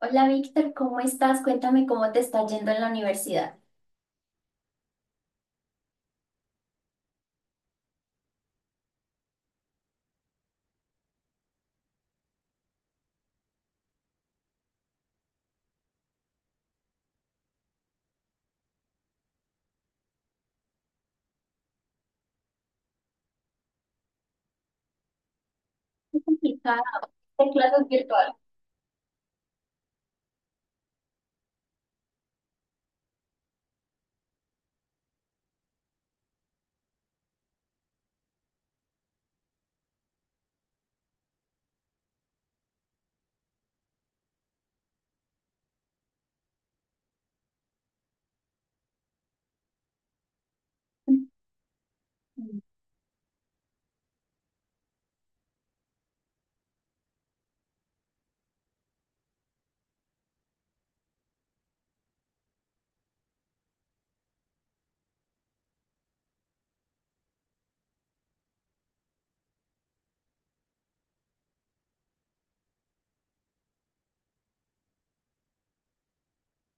Hola Víctor, ¿cómo estás? Cuéntame cómo te está yendo en la universidad. Es complicada, de clases virtuales.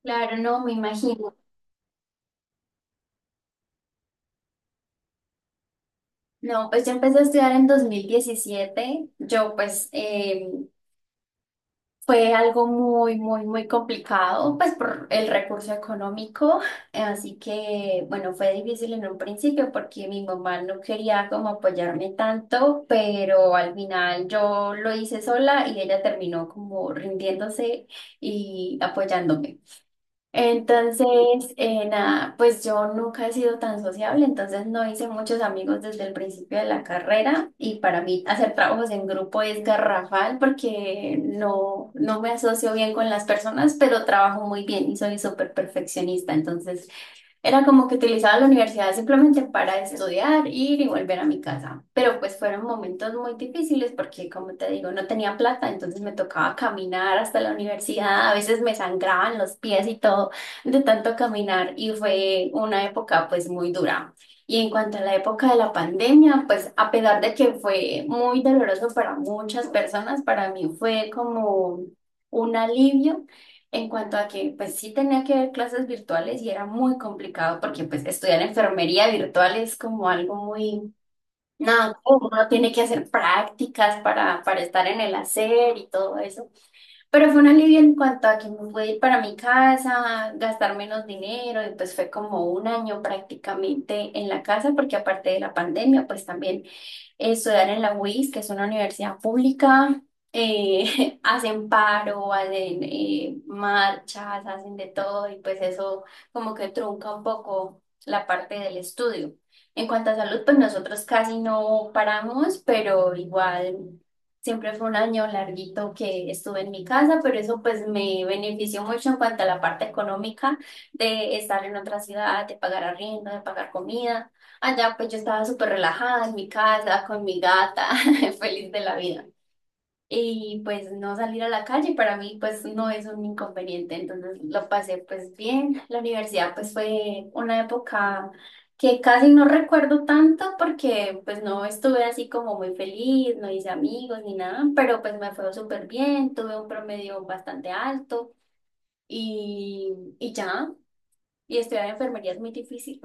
Claro, no, me imagino. No, pues yo empecé a estudiar en 2017. Yo pues fue algo muy, muy, muy complicado, pues por el recurso económico. Así que, bueno, fue difícil en un principio porque mi mamá no quería como apoyarme tanto, pero al final yo lo hice sola y ella terminó como rindiéndose y apoyándome. Entonces, nada, pues yo nunca he sido tan sociable, entonces no hice muchos amigos desde el principio de la carrera y para mí hacer trabajos en grupo es garrafal porque no, no me asocio bien con las personas, pero trabajo muy bien y soy súper perfeccionista, entonces era como que utilizaba la universidad simplemente para estudiar, ir y volver a mi casa. Pero pues fueron momentos muy difíciles porque, como te digo, no tenía plata, entonces me tocaba caminar hasta la universidad. A veces me sangraban los pies y todo de tanto caminar y fue una época pues muy dura. Y en cuanto a la época de la pandemia, pues a pesar de que fue muy doloroso para muchas personas, para mí fue como un alivio en cuanto a que, pues sí tenía que ver clases virtuales y era muy complicado porque pues estudiar enfermería virtual es como algo muy, nada, uno tiene que hacer prácticas para estar en el hacer y todo eso. Pero fue un alivio en cuanto a que me pude ir para mi casa, gastar menos dinero, y pues fue como un año prácticamente en la casa, porque aparte de la pandemia, pues también estudiar en la UIS, que es una universidad pública, hacen paro, hacen marchas, hacen de todo, y pues eso como que trunca un poco la parte del estudio. En cuanto a salud, pues nosotros casi no paramos, pero igual. Siempre fue un año larguito que estuve en mi casa, pero eso pues me benefició mucho en cuanto a la parte económica de estar en otra ciudad, de pagar arriendo, de pagar comida. Allá pues yo estaba súper relajada en mi casa, con mi gata, feliz de la vida y pues no salir a la calle para mí pues no es un inconveniente, entonces lo pasé pues bien. La universidad pues fue una época que casi no recuerdo tanto porque pues no estuve así como muy feliz, no hice amigos ni nada, pero pues me fue súper bien, tuve un promedio bastante alto y, y ya, y estudiar enfermería es muy difícil.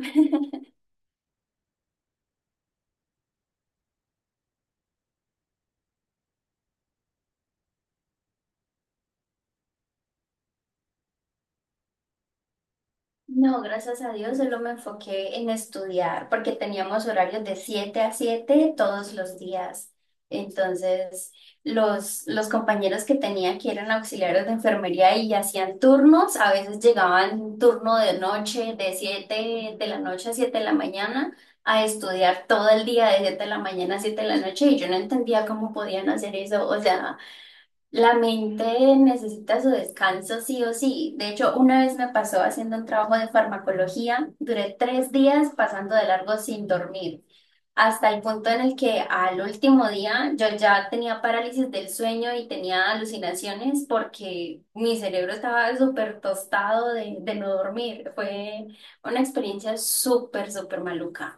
No, gracias a Dios, solo me enfoqué en estudiar, porque teníamos horarios de 7 a 7 todos los días. Entonces, los compañeros que tenía que eran auxiliares de enfermería y hacían turnos, a veces llegaban turno de noche, de 7 de la noche a 7 de la mañana, a estudiar todo el día de 7 de la mañana a siete de la noche, y yo no entendía cómo podían hacer eso. O sea, la mente necesita su descanso sí o sí. De hecho, una vez me pasó haciendo un trabajo de farmacología, duré 3 días pasando de largo sin dormir, hasta el punto en el que al último día yo ya tenía parálisis del sueño y tenía alucinaciones porque mi cerebro estaba súper tostado de no dormir. Fue una experiencia súper, súper maluca.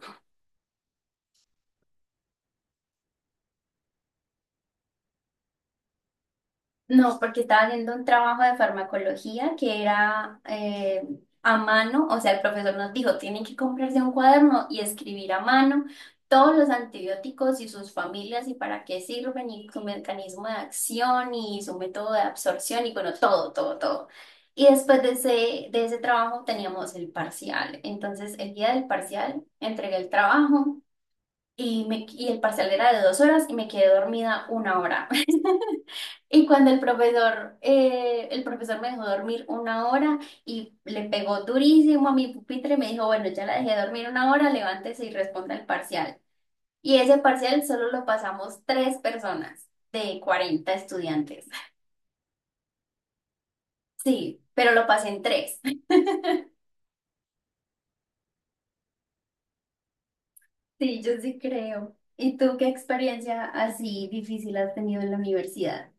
No, porque estaba haciendo un trabajo de farmacología que era a mano, o sea, el profesor nos dijo, tienen que comprarse un cuaderno y escribir a mano todos los antibióticos y sus familias y para qué sirven y su mecanismo de acción y su método de absorción y bueno, todo, todo, todo. Y después de ese, trabajo teníamos el parcial. Entonces, el día del parcial entregué el trabajo y el parcial era de 2 horas y me quedé dormida una hora. Y cuando el profesor me dejó dormir una hora y le pegó durísimo a mi pupitre y me dijo, bueno, ya la dejé dormir una hora, levántese y responda el parcial. Y ese parcial solo lo pasamos tres personas de 40 estudiantes. Sí, pero lo pasé en tres. Sí, yo sí creo. ¿Y tú qué experiencia así difícil has tenido en la universidad?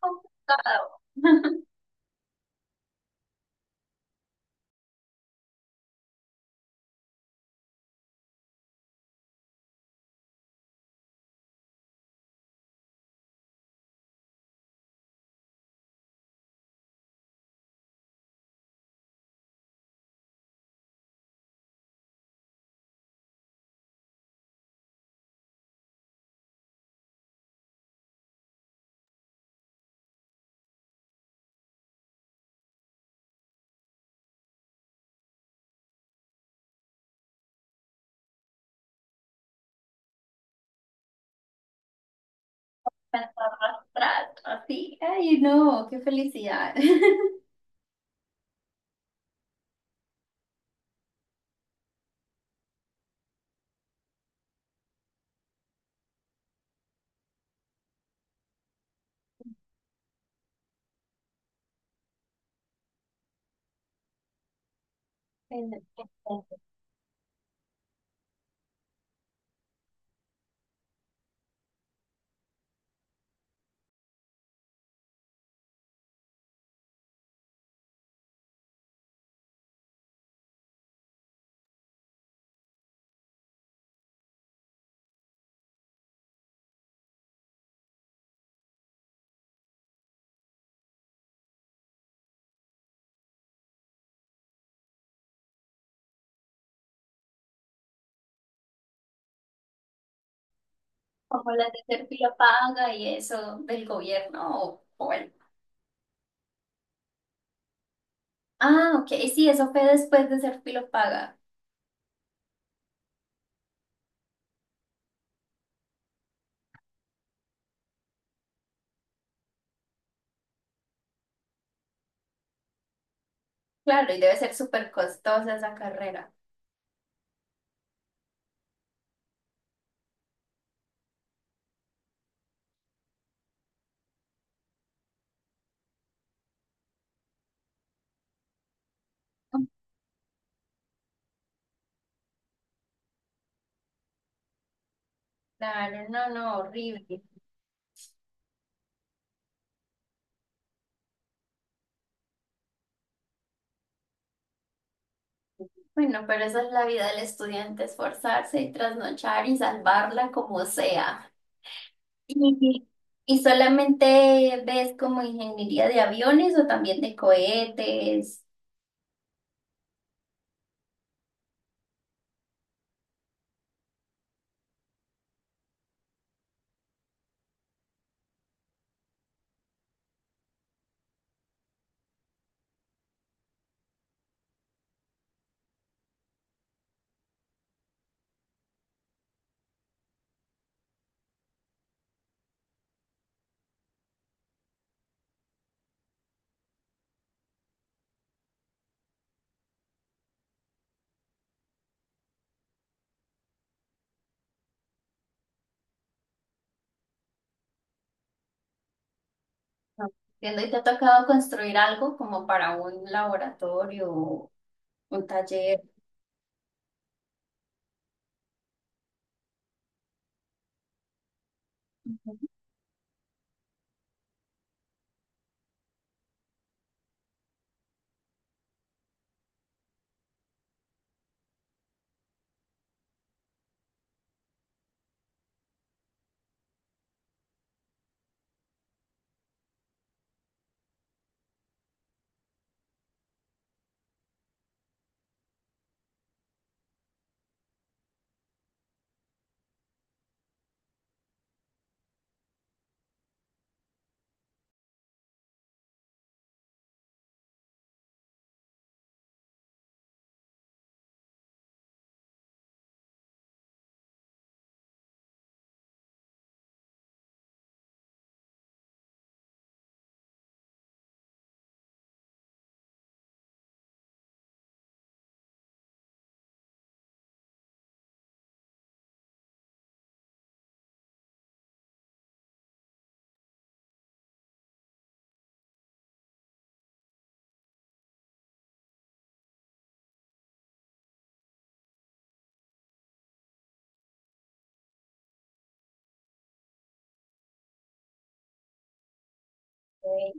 Complicado. Arrastrar, así. Ay, no, qué felicidad. En- Como las de Serpilo Paga y eso del gobierno. O bueno. Ah, ok, sí, eso fue después de Serpilo Paga. Claro, y debe ser súper costosa esa carrera. Claro, no, no, horrible. Bueno, pero esa es la vida del estudiante, esforzarse y trasnochar y salvarla como sea. ¿Y, y solamente ves como ingeniería de aviones o también de cohetes? Entiendo, ¿y te ha tocado construir algo como para un laboratorio, o un taller? Ujú. Ok.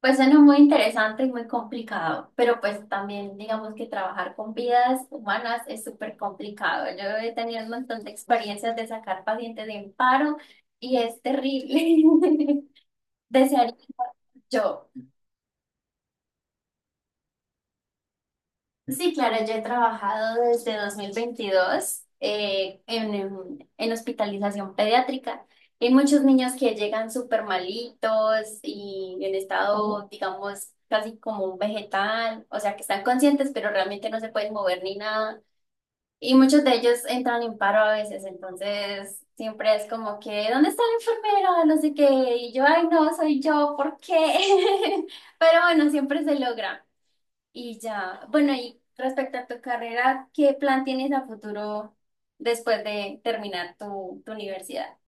Pues suena muy interesante y muy complicado, pero pues también digamos que trabajar con vidas humanas es súper complicado. Yo he tenido un montón de experiencias de sacar pacientes de un paro y es terrible. Desearía yo. Sí, claro, yo he trabajado desde 2022 en hospitalización pediátrica. Hay muchos niños que llegan súper malitos y en estado, digamos, casi como un vegetal, o sea, que están conscientes, pero realmente no se pueden mover ni nada. Y muchos de ellos entran en paro a veces, entonces siempre es como que, ¿dónde está la enfermera? No sé qué. Y yo, ay, no, soy yo, ¿por qué? Pero bueno, siempre se logra. Y ya, bueno, y respecto a tu carrera, ¿qué plan tienes a futuro después de terminar tu, tu universidad?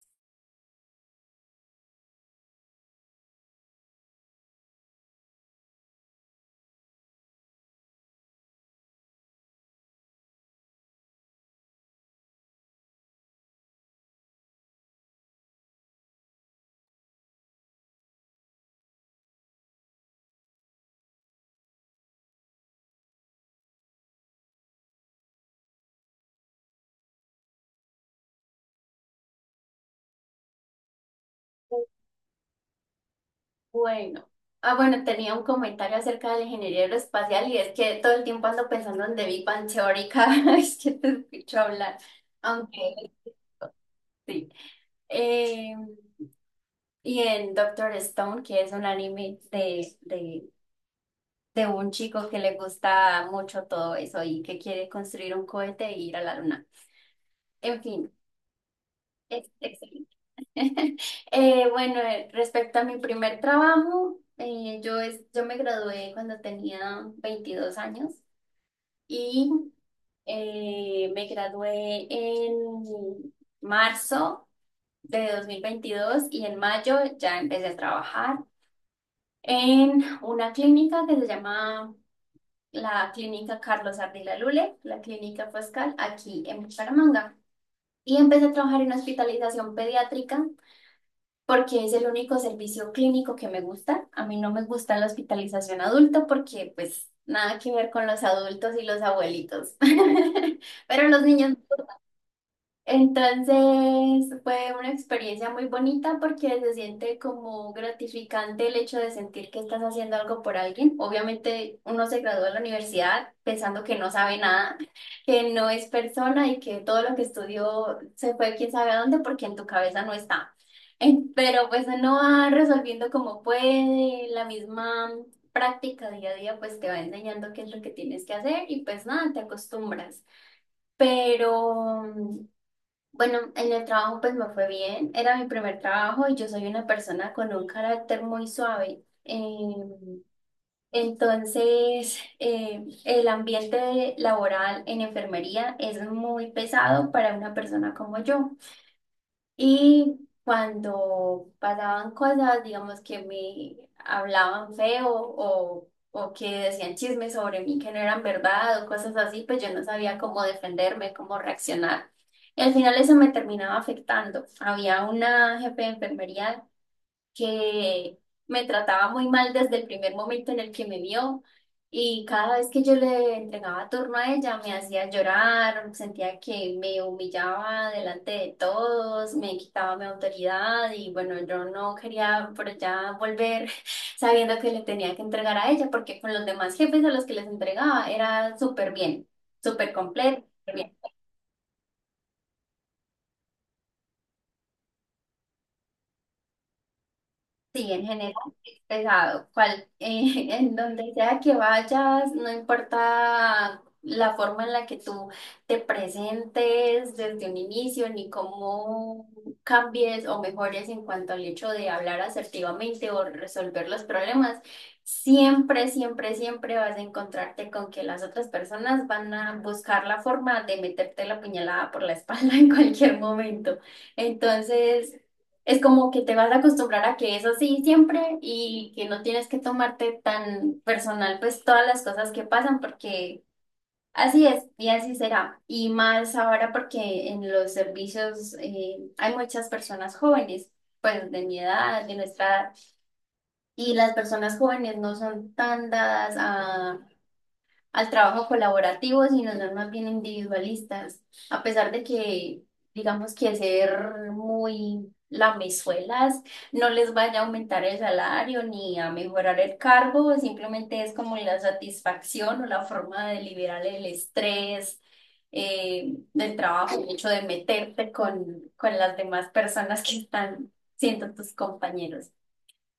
Bueno, ah, bueno, tenía un comentario acerca de la ingeniería aeroespacial y es que todo el tiempo ando pensando en The Big Bang Theory cada vez que te escucho hablar, aunque sí. Eh, y en Doctor Stone, que es un anime de un chico que le gusta mucho todo eso y que quiere construir un cohete e ir a la luna. En fin, es excelente. Bueno, respecto a mi primer trabajo, yo me gradué cuando tenía 22 años y me gradué en marzo de 2022 y en mayo ya empecé a trabajar en una clínica que se llama la Clínica Carlos Ardila Lule, la Clínica Pascal, aquí en Bucaramanga. Y empecé a trabajar en hospitalización pediátrica porque es el único servicio clínico que me gusta. A mí no me gusta la hospitalización adulto porque pues nada que ver con los adultos y los abuelitos. Pero los niños entonces fue una experiencia muy bonita porque se siente como gratificante el hecho de sentir que estás haciendo algo por alguien. Obviamente uno se graduó de la universidad pensando que no sabe nada, que no es persona y que todo lo que estudió se fue quién sabe a dónde porque en tu cabeza no está. Pero pues uno va resolviendo como puede, la misma práctica día a día pues te va enseñando qué es lo que tienes que hacer y pues nada, te acostumbras. Pero bueno, en el trabajo pues me fue bien, era mi primer trabajo y yo soy una persona con un carácter muy suave. Entonces, el ambiente laboral en enfermería es muy pesado para una persona como yo. Y cuando pasaban cosas, digamos que me hablaban feo o que decían chismes sobre mí que no eran verdad o cosas así, pues yo no sabía cómo defenderme, cómo reaccionar. Y al final eso me terminaba afectando. Había una jefe de enfermería que me trataba muy mal desde el primer momento en el que me vio y cada vez que yo le entregaba turno a ella me hacía llorar, sentía que me humillaba delante de todos, me quitaba mi autoridad y bueno, yo no quería por allá volver sabiendo que le tenía que entregar a ella porque con los demás jefes a los que les entregaba era súper bien, súper completo. Sí, en general es pesado. En donde sea que vayas, no importa la forma en la que tú te presentes desde un inicio, ni cómo cambies o mejores en cuanto al hecho de hablar asertivamente o resolver los problemas, siempre, siempre, siempre vas a encontrarte con que las otras personas van a buscar la forma de meterte la puñalada por la espalda en cualquier momento. Entonces. Es como que te vas a acostumbrar a que es así siempre y que no tienes que tomarte tan personal pues todas las cosas que pasan porque así es y así será. Y más ahora porque en los servicios hay muchas personas jóvenes, pues de mi edad, de nuestra edad, y las personas jóvenes no son tan dadas al trabajo colaborativo, sino son más bien individualistas. A pesar de que, digamos que ser muy lamezuelas no les vaya a aumentar el salario ni a mejorar el cargo, simplemente es como la satisfacción o la forma de liberar el estrés del trabajo, el hecho de meterte con las demás personas que están siendo tus compañeros.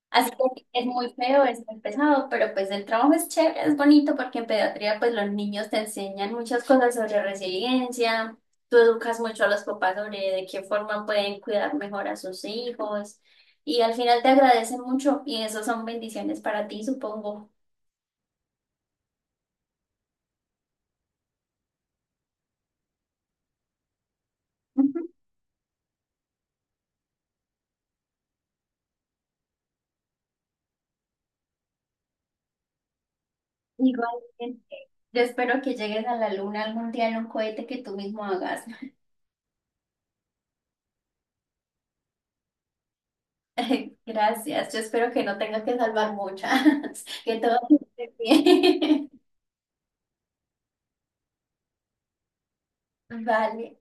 Así que sí, es muy feo, es muy pesado, pero pues el trabajo es chévere, es bonito porque en pediatría pues los niños te enseñan muchas cosas sobre resiliencia, tú educas mucho a los papás sobre de qué forma pueden cuidar mejor a sus hijos y al final te agradecen mucho y eso son bendiciones para ti, supongo. Ujú. Igual, yo espero que llegues a la luna algún día en un cohete que tú mismo hagas. Gracias, yo espero que no tengas que salvar muchas, que todo esté bien. Vale.